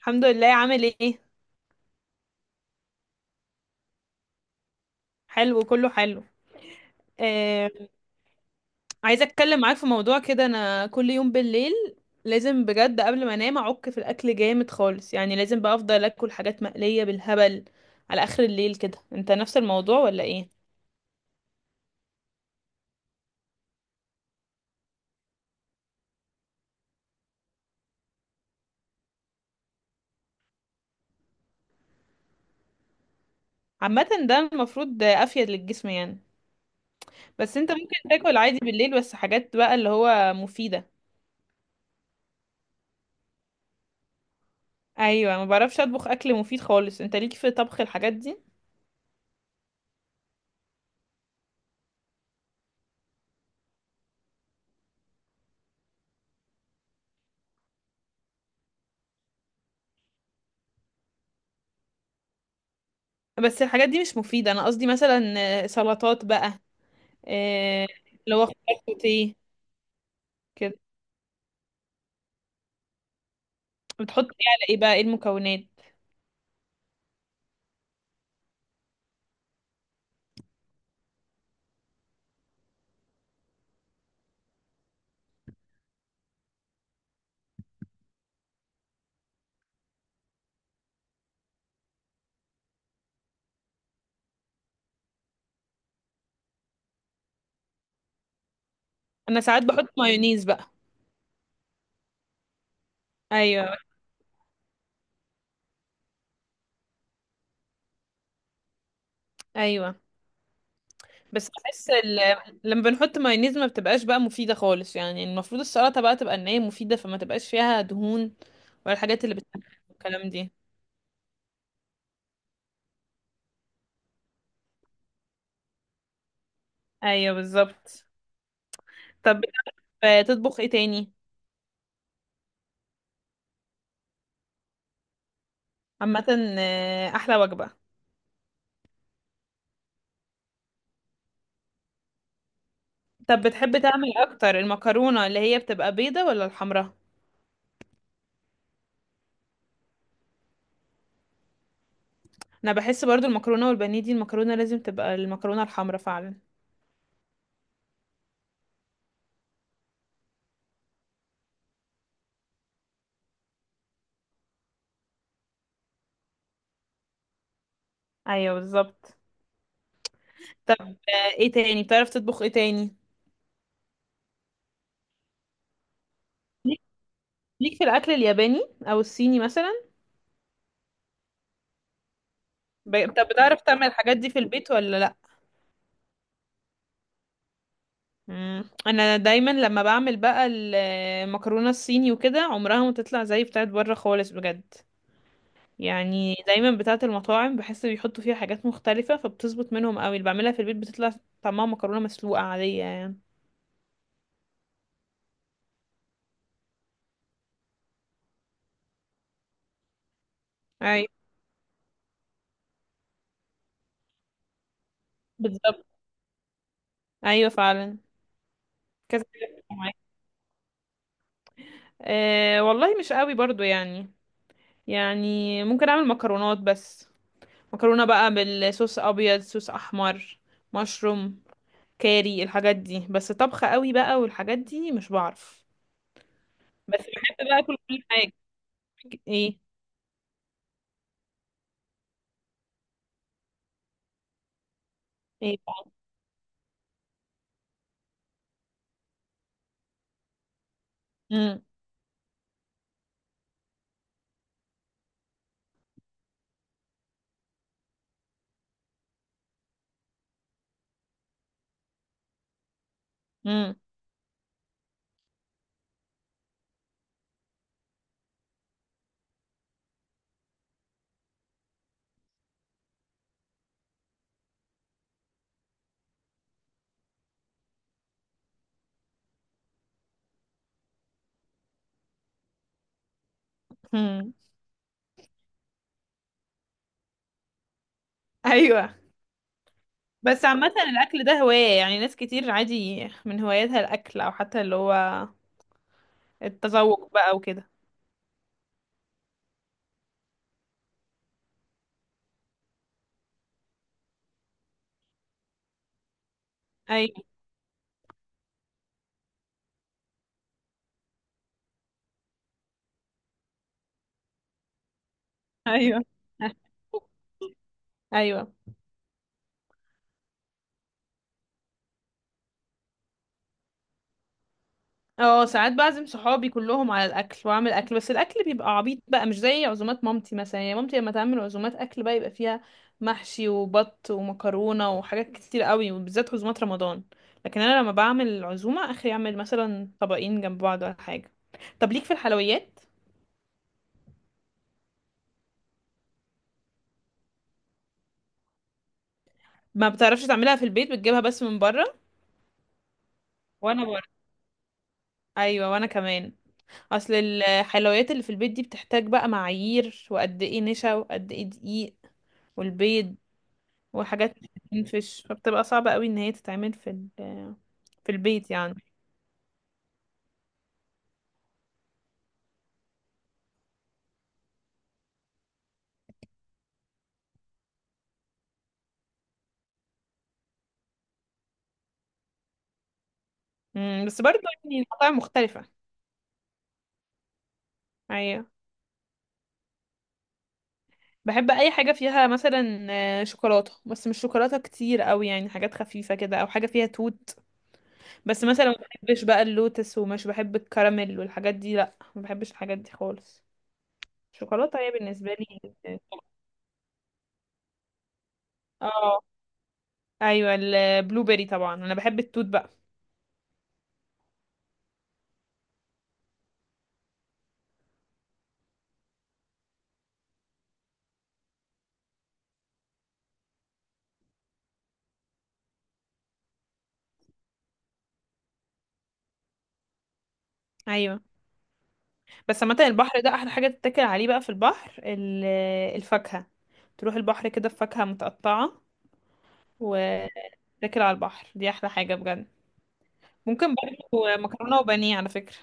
الحمد لله، عامل ايه؟ حلو، كله حلو. آه، عايزه اتكلم معاك في موضوع كده. انا كل يوم بالليل لازم بجد قبل ما انام اعك في الاكل جامد خالص، يعني لازم بقى افضل اكل حاجات مقليه بالهبل على اخر الليل كده. انت نفس الموضوع ولا ايه؟ عامه ده المفروض افيد للجسم يعني. بس انت ممكن تاكل عادي بالليل، بس حاجات بقى اللي هو مفيده. ايوه، ما بعرفش اطبخ اكل مفيد خالص. انت ليك في طبخ الحاجات دي؟ بس الحاجات دي مش مفيده، انا قصدي مثلا سلطات بقى. آه، اللي هو خضار سوتيه كده. بتحط ايه على ايه بقى؟ ايه المكونات؟ انا ساعات بحط مايونيز بقى. ايوه. ايوه، بس بحس لما بنحط مايونيز ما بتبقاش بقى مفيده خالص، يعني المفروض السلطه بقى تبقى ان هي مفيده، فما تبقاش فيها دهون ولا الحاجات اللي بتتعمل الكلام دي. ايوه بالظبط. طب بتعرف تطبخ ايه تاني؟ عامه احلى وجبه. طب بتحب تعمل اكتر المكرونه اللي هي بتبقى بيضه ولا الحمراء؟ انا بحس برضو المكرونه والبانيه دي المكرونه لازم تبقى المكرونه الحمراء فعلا. ايوه بالظبط. طب ايه تاني، بتعرف تطبخ ايه تاني؟ ليك ليك في الاكل الياباني او الصيني مثلا؟ طب بتعرف تعمل الحاجات دي في البيت ولا لا؟ مم. انا دايما لما بعمل بقى المكرونه الصيني وكده عمرها ما تطلع زي بتاعت بره خالص بجد، يعني دايما بتاعت المطاعم بحس بيحطوا فيها حاجات مختلفه فبتظبط منهم قوي، اللي بعملها في البيت بتطلع طعمها مكرونه مسلوقه عاديه يعني. ايوه بالظبط. ايوه فعلا. كذا حاجة بتبقى معايا. أه والله مش قوي برضو يعني، يعني ممكن اعمل مكرونات بس، مكرونة بقى بالصوص ابيض، صوص احمر، مشروم، كاري، الحاجات دي بس. طبخ قوي بقى والحاجات دي مش بعرف. بس بحب بقى اكل كل حاجة. ايه؟ ايه بقى؟ مم. مم. مم. ايوه. بس عامة الاكل ده هواية، يعني ناس كتير عادي من هواياتها الاكل، او حتى اللي هو التذوق بقى وكده. ايوه. ايوه. ايوه. اه، ساعات بعزم صحابي كلهم على الاكل واعمل اكل، بس الاكل بيبقى عبيط بقى مش زي عزومات مامتي مثلا. يعني مامتي لما تعمل عزومات اكل بقى يبقى فيها محشي وبط ومكرونه وحاجات كتير قوي، وبالذات عزومات رمضان. لكن انا لما بعمل عزومه اخري اعمل مثلا طبقين جنب بعض ولا حاجه. طب ليك في الحلويات؟ ما بتعرفش تعملها في البيت، بتجيبها بس من بره؟ وانا برضه. ايوه، وانا كمان. اصل الحلويات اللي في البيت دي بتحتاج بقى معايير، وقد ايه نشا وقد ايه دقيق والبيض وحاجات بتنفش، فبتبقى صعبة قوي ان هي تتعمل في البيت يعني. بس برضه يعني المطاعم مختلفة. ايوه. بحب اي حاجة فيها مثلا شوكولاتة، بس مش شوكولاتة كتير قوي، يعني حاجات خفيفة كده او حاجة فيها توت. بس مثلا ما بحبش بقى اللوتس ومش بحب الكراميل والحاجات دي، لا ما بحبش الحاجات دي خالص. شوكولاتة هي بالنسبة لي. اه. ايوه البلو بيري طبعا، انا بحب التوت بقى. ايوه، بس عامة البحر ده أحلى حاجة تتاكل عليه بقى. في البحر الفاكهة، تروح البحر كده بفاكهة متقطعة وتاكل على البحر، دي أحلى حاجة بجد. ممكن برضه مكرونة وبانيه على فكرة.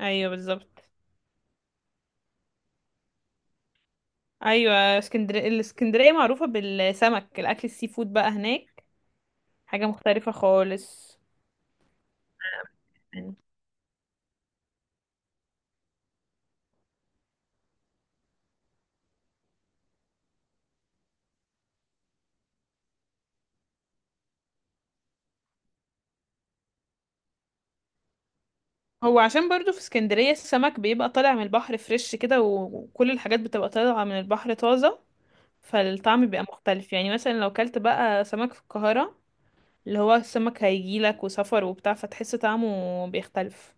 أيوة بالظبط. أيوة اسكندرية. الاسكندرية معروفة بالسمك، الأكل السي فود بقى هناك حاجة مختلفة خالص. يعني هو عشان برضو في اسكندرية السمك بيبقى طالع من البحر فريش كده، وكل الحاجات بتبقى طالعة من البحر طازة، فالطعم بيبقى مختلف. يعني مثلا لو كلت بقى سمك في القاهرة، اللي هو السمك هيجيلك وسفر وبتاع فتحس طعمه بيختلف.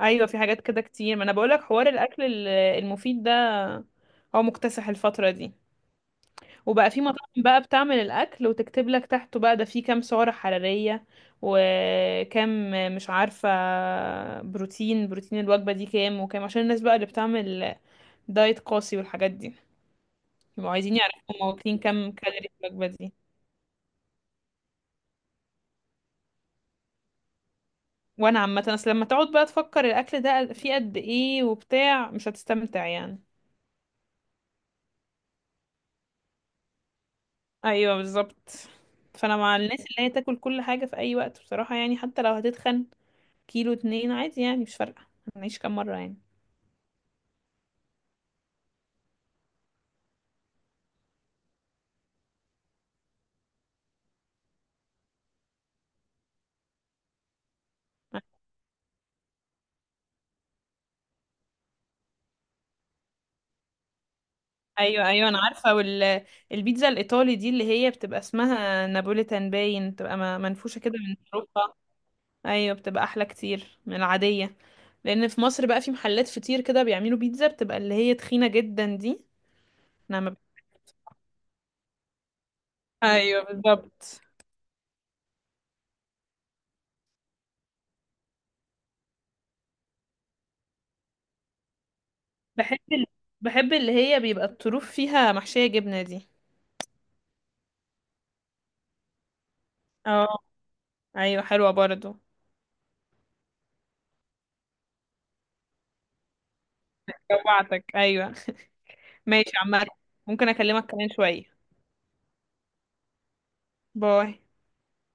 ايوه، في حاجات كده كتير. ما انا بقولك حوار الاكل المفيد ده هو مكتسح الفتره دي. وبقى في مطاعم بقى بتعمل الاكل وتكتب لك تحته بقى ده فيه كام سعره حراريه، وكام مش عارفه، بروتين الوجبه دي كام وكام، عشان الناس بقى اللي بتعمل دايت قاسي والحاجات دي، يبقوا عايزين يعرفوا هما واكلين كام كالوري في الوجبه دي. وانا عامه اصل لما تقعد بقى تفكر الاكل ده فيه قد ايه وبتاع مش هتستمتع يعني. ايوه بالظبط. فانا مع الناس اللي هي تاكل كل حاجه في اي وقت بصراحه، يعني حتى لو هتتخن كيلو اتنين عادي يعني مش فارقه، هنعيش كام مره يعني. ايوه، ايوه انا عارفه، البيتزا الايطالي دي اللي هي بتبقى اسمها نابوليتان باين، بتبقى منفوشه كده من اوروبا. ايوه بتبقى احلى كتير من العاديه. لان في مصر بقى في محلات فطير كده بيعملوا بيتزا بتبقى اللي هي تخينه جدا دي. انا ما ب... ايوه بالظبط. بحب ال... بحب اللي هي بيبقى الطروف فيها محشية جبنة دي. اه. ايوه، حلوة برضو. جوعتك ايوه. ماشي عمال، ممكن اكلمك كمان شوية؟ باي.